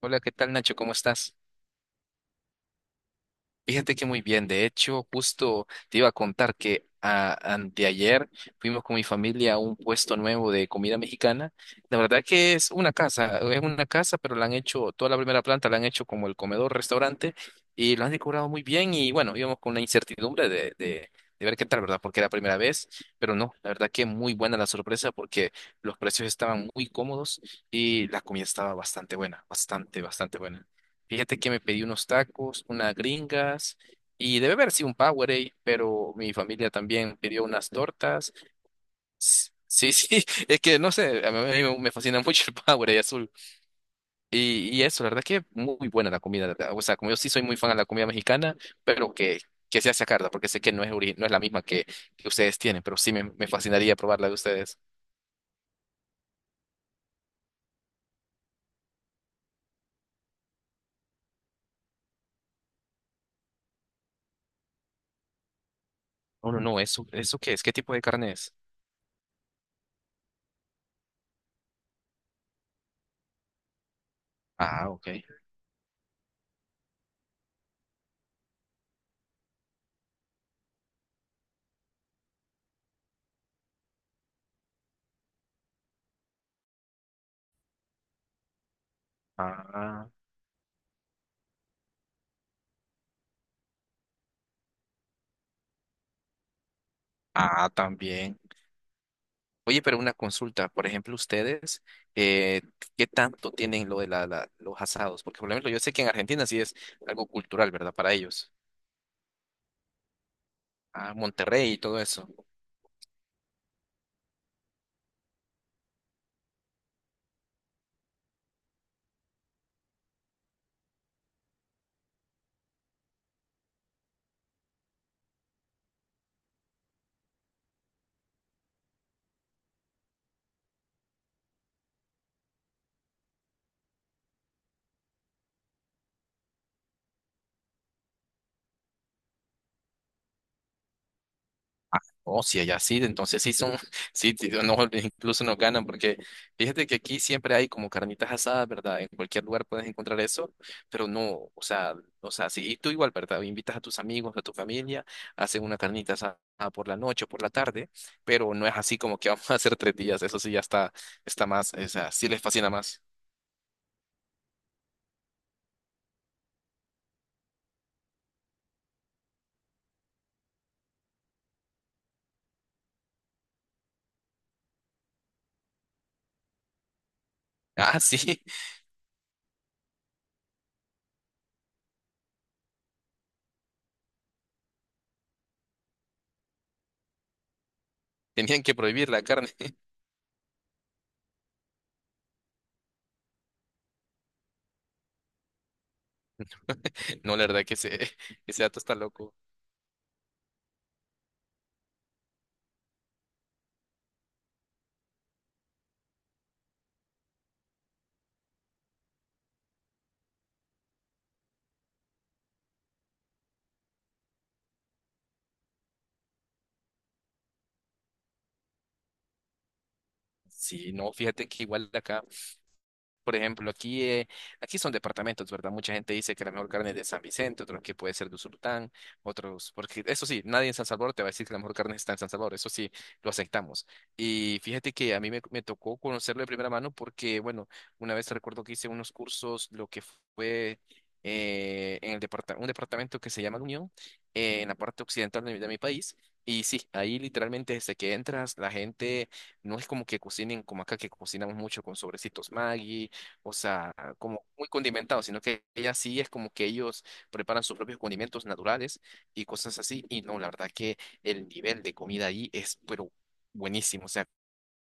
Hola, ¿qué tal, Nacho? ¿Cómo estás? Fíjate que muy bien. De hecho, justo te iba a contar que anteayer fuimos con mi familia a un puesto nuevo de comida mexicana. La verdad que es una casa, pero la han hecho, toda la primera planta la han hecho como el comedor, restaurante, y lo han decorado muy bien. Y bueno, íbamos con la incertidumbre de ver qué tal, ¿verdad? Porque era la primera vez, pero no, la verdad que muy buena la sorpresa porque los precios estaban muy cómodos y la comida estaba bastante buena, bastante, bastante buena. Fíjate que me pedí unos tacos, unas gringas y debe haber sido un Powerade, pero mi familia también pidió unas tortas. Sí, sí, es que no sé, a mí me fascina mucho el Powerade azul. Y eso, la verdad que muy buena la comida, la, ¿verdad? O sea, como yo sí soy muy fan de la comida mexicana, pero que sea sacarla, porque sé que no es, no es la misma que ustedes tienen, pero sí me fascinaría probar la de ustedes. Oh, no, no, ¿eso qué es? ¿Qué tipo de carne es? Ah, ok. Ah, ah, también. Oye, pero una consulta, por ejemplo, ustedes, eh, ¿qué tanto tienen lo de los asados? Porque, por ejemplo, yo sé que en Argentina sí es algo cultural, ¿verdad? Para ellos, a Monterrey y todo eso. Ah, oh, si allá sí, entonces sí son, sí, sí, no, incluso nos ganan, porque fíjate que aquí siempre hay como carnitas asadas, ¿verdad? En cualquier lugar puedes encontrar eso, pero no, o sea, sí, y tú igual, ¿verdad? Invitas a tus amigos, a tu familia, hacen una carnita asada por la noche o por la tarde, pero no es así como que vamos a hacer 3 días, eso sí ya está, está más, o sea, sí les fascina más. Ah, sí, tenían que prohibir la carne. No, la verdad que ese dato está loco. Sí, no, fíjate que igual de acá. Por ejemplo, aquí son departamentos, ¿verdad? Mucha gente dice que la mejor carne es de San Vicente, otros que puede ser de Usulután, otros, porque eso sí, nadie en San Salvador te va a decir que la mejor carne está en San Salvador, eso sí, lo aceptamos. Y fíjate que a mí me tocó conocerlo de primera mano porque, bueno, una vez recuerdo que hice unos cursos, lo que fue, en un departamento que se llama La Unión, en la parte occidental de mi país. Y sí, ahí literalmente desde que entras, la gente no es como que cocinen como acá, que cocinamos mucho con sobrecitos Maggi, o sea, como muy condimentado, sino que ella sí es como que ellos preparan sus propios condimentos naturales y cosas así. Y no, la verdad que el nivel de comida ahí es, pero buenísimo. O sea,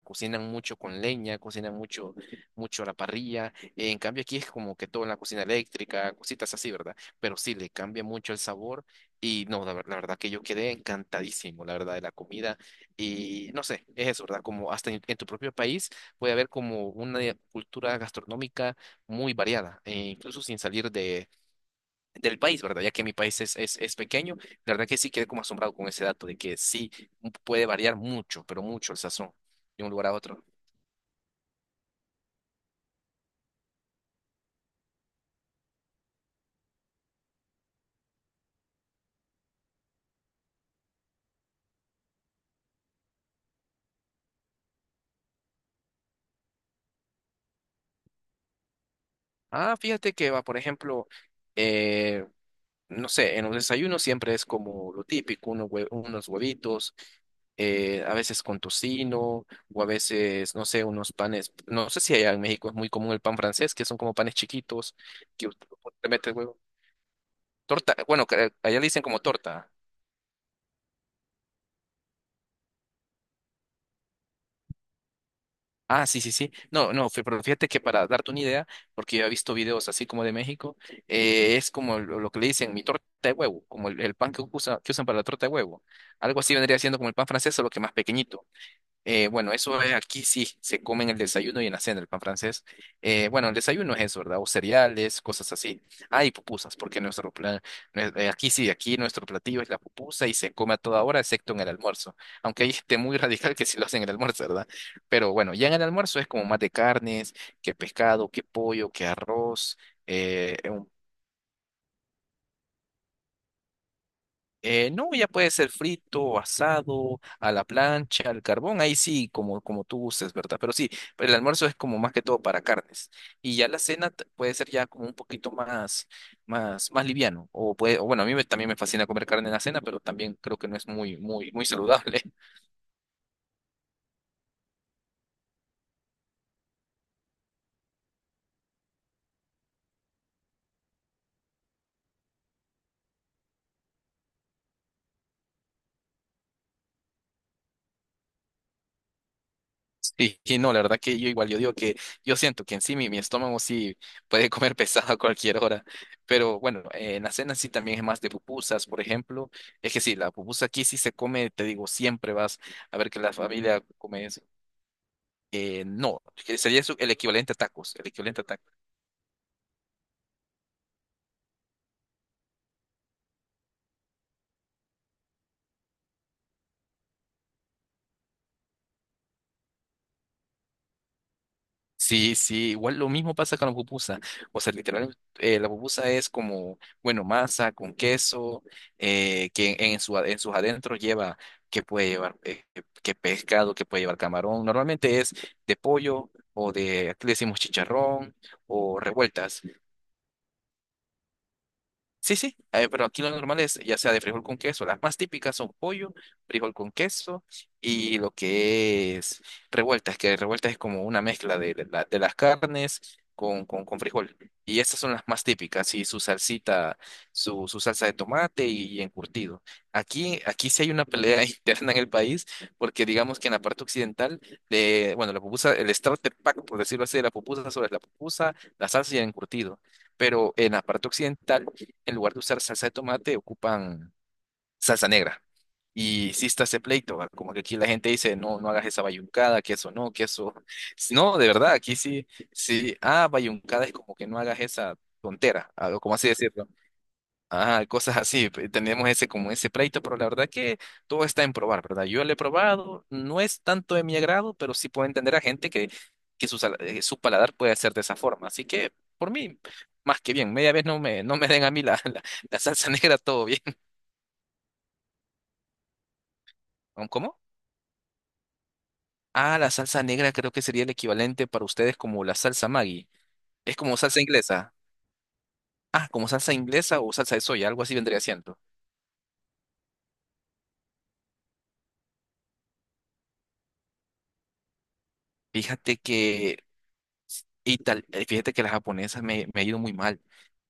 cocinan mucho con leña, cocinan mucho, mucho a la parrilla. En cambio, aquí es como que todo en la cocina eléctrica, cositas así, ¿verdad? Pero sí, le cambia mucho el sabor. Y no, la verdad que yo quedé encantadísimo, la verdad, de la comida. Y no sé, es eso, ¿verdad? Como hasta en tu propio país puede haber como una cultura gastronómica muy variada, e incluso sin salir del país, ¿verdad? Ya que mi país es pequeño, la verdad que sí quedé como asombrado con ese dato de que sí puede variar mucho, pero mucho el sazón de un lugar a otro. Ah, fíjate que va, por ejemplo, eh, no sé, en los desayunos siempre es como lo típico, unos huevitos, a veces con tocino, o a veces, no sé, unos panes, no sé si allá en México es muy común el pan francés, que son como panes chiquitos, que usted le mete huevo. Torta, bueno, que allá le dicen como torta. Ah, sí, sí, sí. No, no, pero fíjate que para darte una idea, porque yo he visto videos así como de México, es como lo que le dicen mi torta de huevo, como el pan que usa, que usan para la torta de huevo. Algo así vendría siendo como el pan francés, solo que más pequeñito. Bueno, eso es aquí sí, se come en el desayuno y en la cena el pan francés. Bueno, el desayuno es eso, ¿verdad? O cereales, cosas así. Ah, y pupusas, porque aquí sí, aquí nuestro platillo es la pupusa y se come a toda hora, excepto en el almuerzo. Aunque hay gente muy radical que sí lo hace en el almuerzo, ¿verdad? Pero bueno, ya en el almuerzo es como más de carnes, que pescado, que pollo, que arroz. eh, no, ya puede ser frito, asado, a la plancha, al carbón, ahí sí, como tú gustes, ¿verdad? Pero sí, el almuerzo es como más que todo para carnes. Y ya la cena puede ser ya como un poquito más, más, más liviano. O puede, o bueno, a mí también me fascina comer carne en la cena, pero también creo que no es muy, muy, muy saludable. Sí, y no, la verdad que yo igual, yo digo que yo siento que en sí mi estómago sí puede comer pesado a cualquier hora, pero bueno, en la cena sí también es más de pupusas, por ejemplo, es que sí, la pupusa aquí sí se come, te digo, siempre vas a ver que la familia come eso. No, que sería el equivalente a tacos, el equivalente a tacos. Sí, sí, igual lo mismo pasa con la pupusa. O sea, literalmente la pupusa es como, bueno, masa con queso, que en sus adentros lleva, que puede llevar, que pescado, que puede llevar camarón. Normalmente es de pollo o de, aquí le decimos chicharrón o revueltas. Sí, sí, pero aquí lo normal es ya sea de frijol con queso. Las más típicas son pollo, frijol con queso y lo que es revueltas, que revueltas es como una mezcla de, de las carnes con frijol. Y estas son las más típicas, y su salsita, su salsa de tomate y encurtido. Aquí sí hay una pelea interna en el país, porque digamos que en la parte occidental, de, bueno, la pupusa, el starter pack, por decirlo así, de la pupusa sobre la pupusa, la salsa y el encurtido. Pero en la parte occidental en lugar de usar salsa de tomate, ocupan salsa negra. Y sí está ese pleito, ¿va? Como que aquí la gente dice, no, no hagas esa bayuncada, que eso no, que eso... No, de verdad, aquí sí, sí, ah, bayuncada es como que no hagas esa tontera, algo como así decir. Ah, cosas así. Tenemos ese como ese pleito, pero la verdad que todo está en probar, ¿verdad? Yo lo he probado, no es tanto de mi agrado, pero sí puedo entender a gente que su paladar puede ser de esa forma. Así que, por mí, más que bien. Media vez no me den a mí la salsa negra, todo bien. ¿Cómo? Ah, la salsa negra creo que sería el equivalente para ustedes como la salsa Maggi. Es como salsa inglesa. Ah, como salsa inglesa o salsa de soya, algo así vendría siendo. Fíjate que Y tal, fíjate que la japonesa me ha ido muy mal.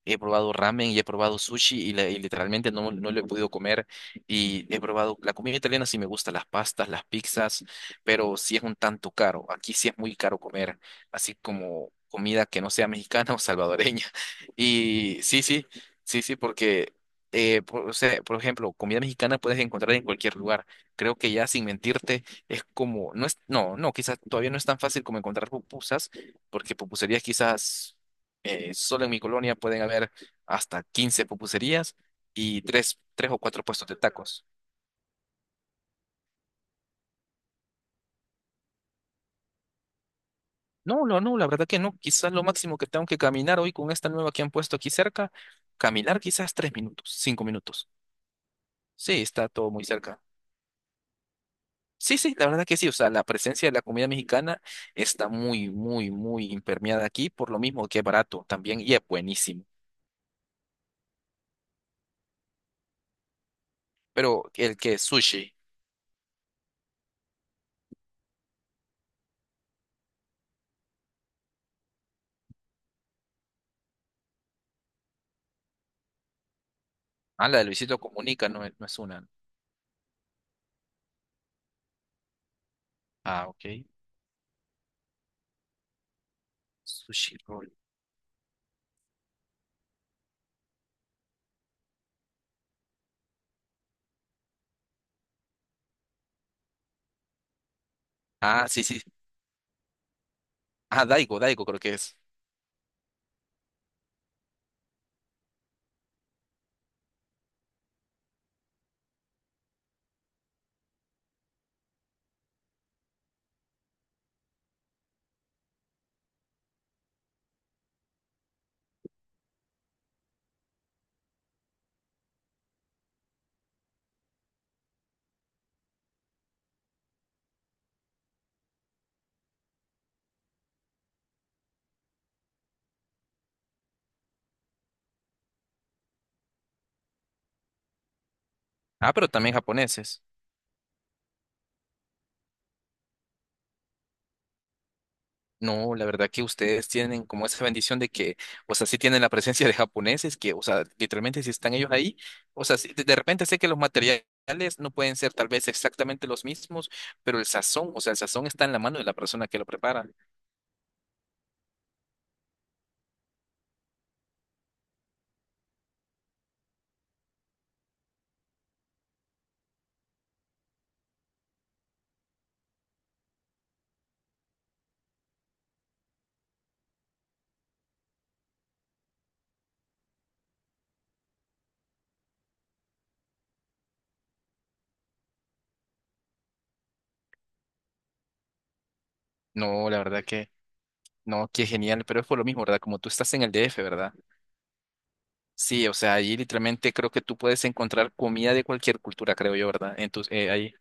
He probado ramen y he probado sushi y literalmente no lo he podido comer. Y he probado la comida italiana, sí me gusta, las pastas, las pizzas, pero sí es un tanto caro. Aquí sí es muy caro comer, así como comida que no sea mexicana o salvadoreña. Y sí, sí, sí, sí, porque, o sea, por ejemplo, comida mexicana puedes encontrar en cualquier lugar. Creo que ya sin mentirte, es como, no es, no, no, quizás todavía no es tan fácil como encontrar pupusas porque pupuserías quizás, solo en mi colonia pueden haber hasta 15 pupuserías y tres o cuatro puestos de tacos. No, no, no, la verdad que no. Quizás lo máximo que tengo que caminar hoy con esta nueva que han puesto aquí cerca, caminar quizás 3 minutos, 5 minutos. Sí, está todo muy cerca. Sí, sí, la verdad que sí. O sea, la presencia de la comida mexicana está muy, muy, muy impermeada aquí, por lo mismo que es barato también y es buenísimo. Pero el que es sushi, ah, la de Luisito Comunica no es, no es una. Ah, ok. Sushi roll. Ah, sí, sí. Ah, Daigo, Daigo creo que es. Ah, pero también japoneses. No, la verdad que ustedes tienen como esa bendición de que, o sea, sí tienen la presencia de japoneses que, o sea, literalmente si están ellos ahí, o sea, sí, de repente sé que los materiales no pueden ser tal vez exactamente los mismos, pero el sazón, o sea, el sazón está en la mano de la persona que lo prepara. No, la verdad que, no, qué genial, pero es por lo mismo, ¿verdad? Como tú estás en el DF, ¿verdad? Sí, o sea, allí literalmente creo que tú puedes encontrar comida de cualquier cultura, creo yo, ¿verdad? Entonces ahí.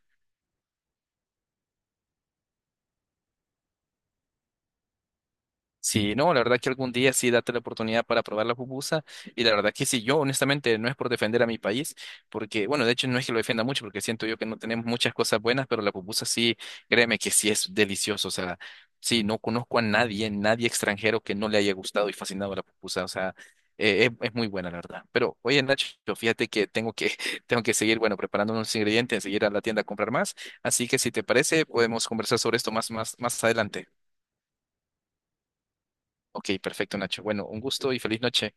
Sí, no, la verdad que algún día sí date la oportunidad para probar la pupusa. Y la verdad que sí, yo honestamente no es por defender a mi país, porque, bueno, de hecho no es que lo defienda mucho, porque siento yo que no tenemos muchas cosas buenas, pero la pupusa sí, créeme que sí es delicioso. O sea, sí, no conozco a nadie, nadie extranjero que no le haya gustado y fascinado la pupusa. O sea, es muy buena, la verdad. Pero, oye, Nacho, fíjate que tengo que, tengo que seguir, bueno, preparando unos ingredientes, seguir a la tienda a comprar más. Así que si te parece, podemos conversar sobre esto más, más, más adelante. Ok, perfecto, Nacho. Bueno, un gusto y feliz noche.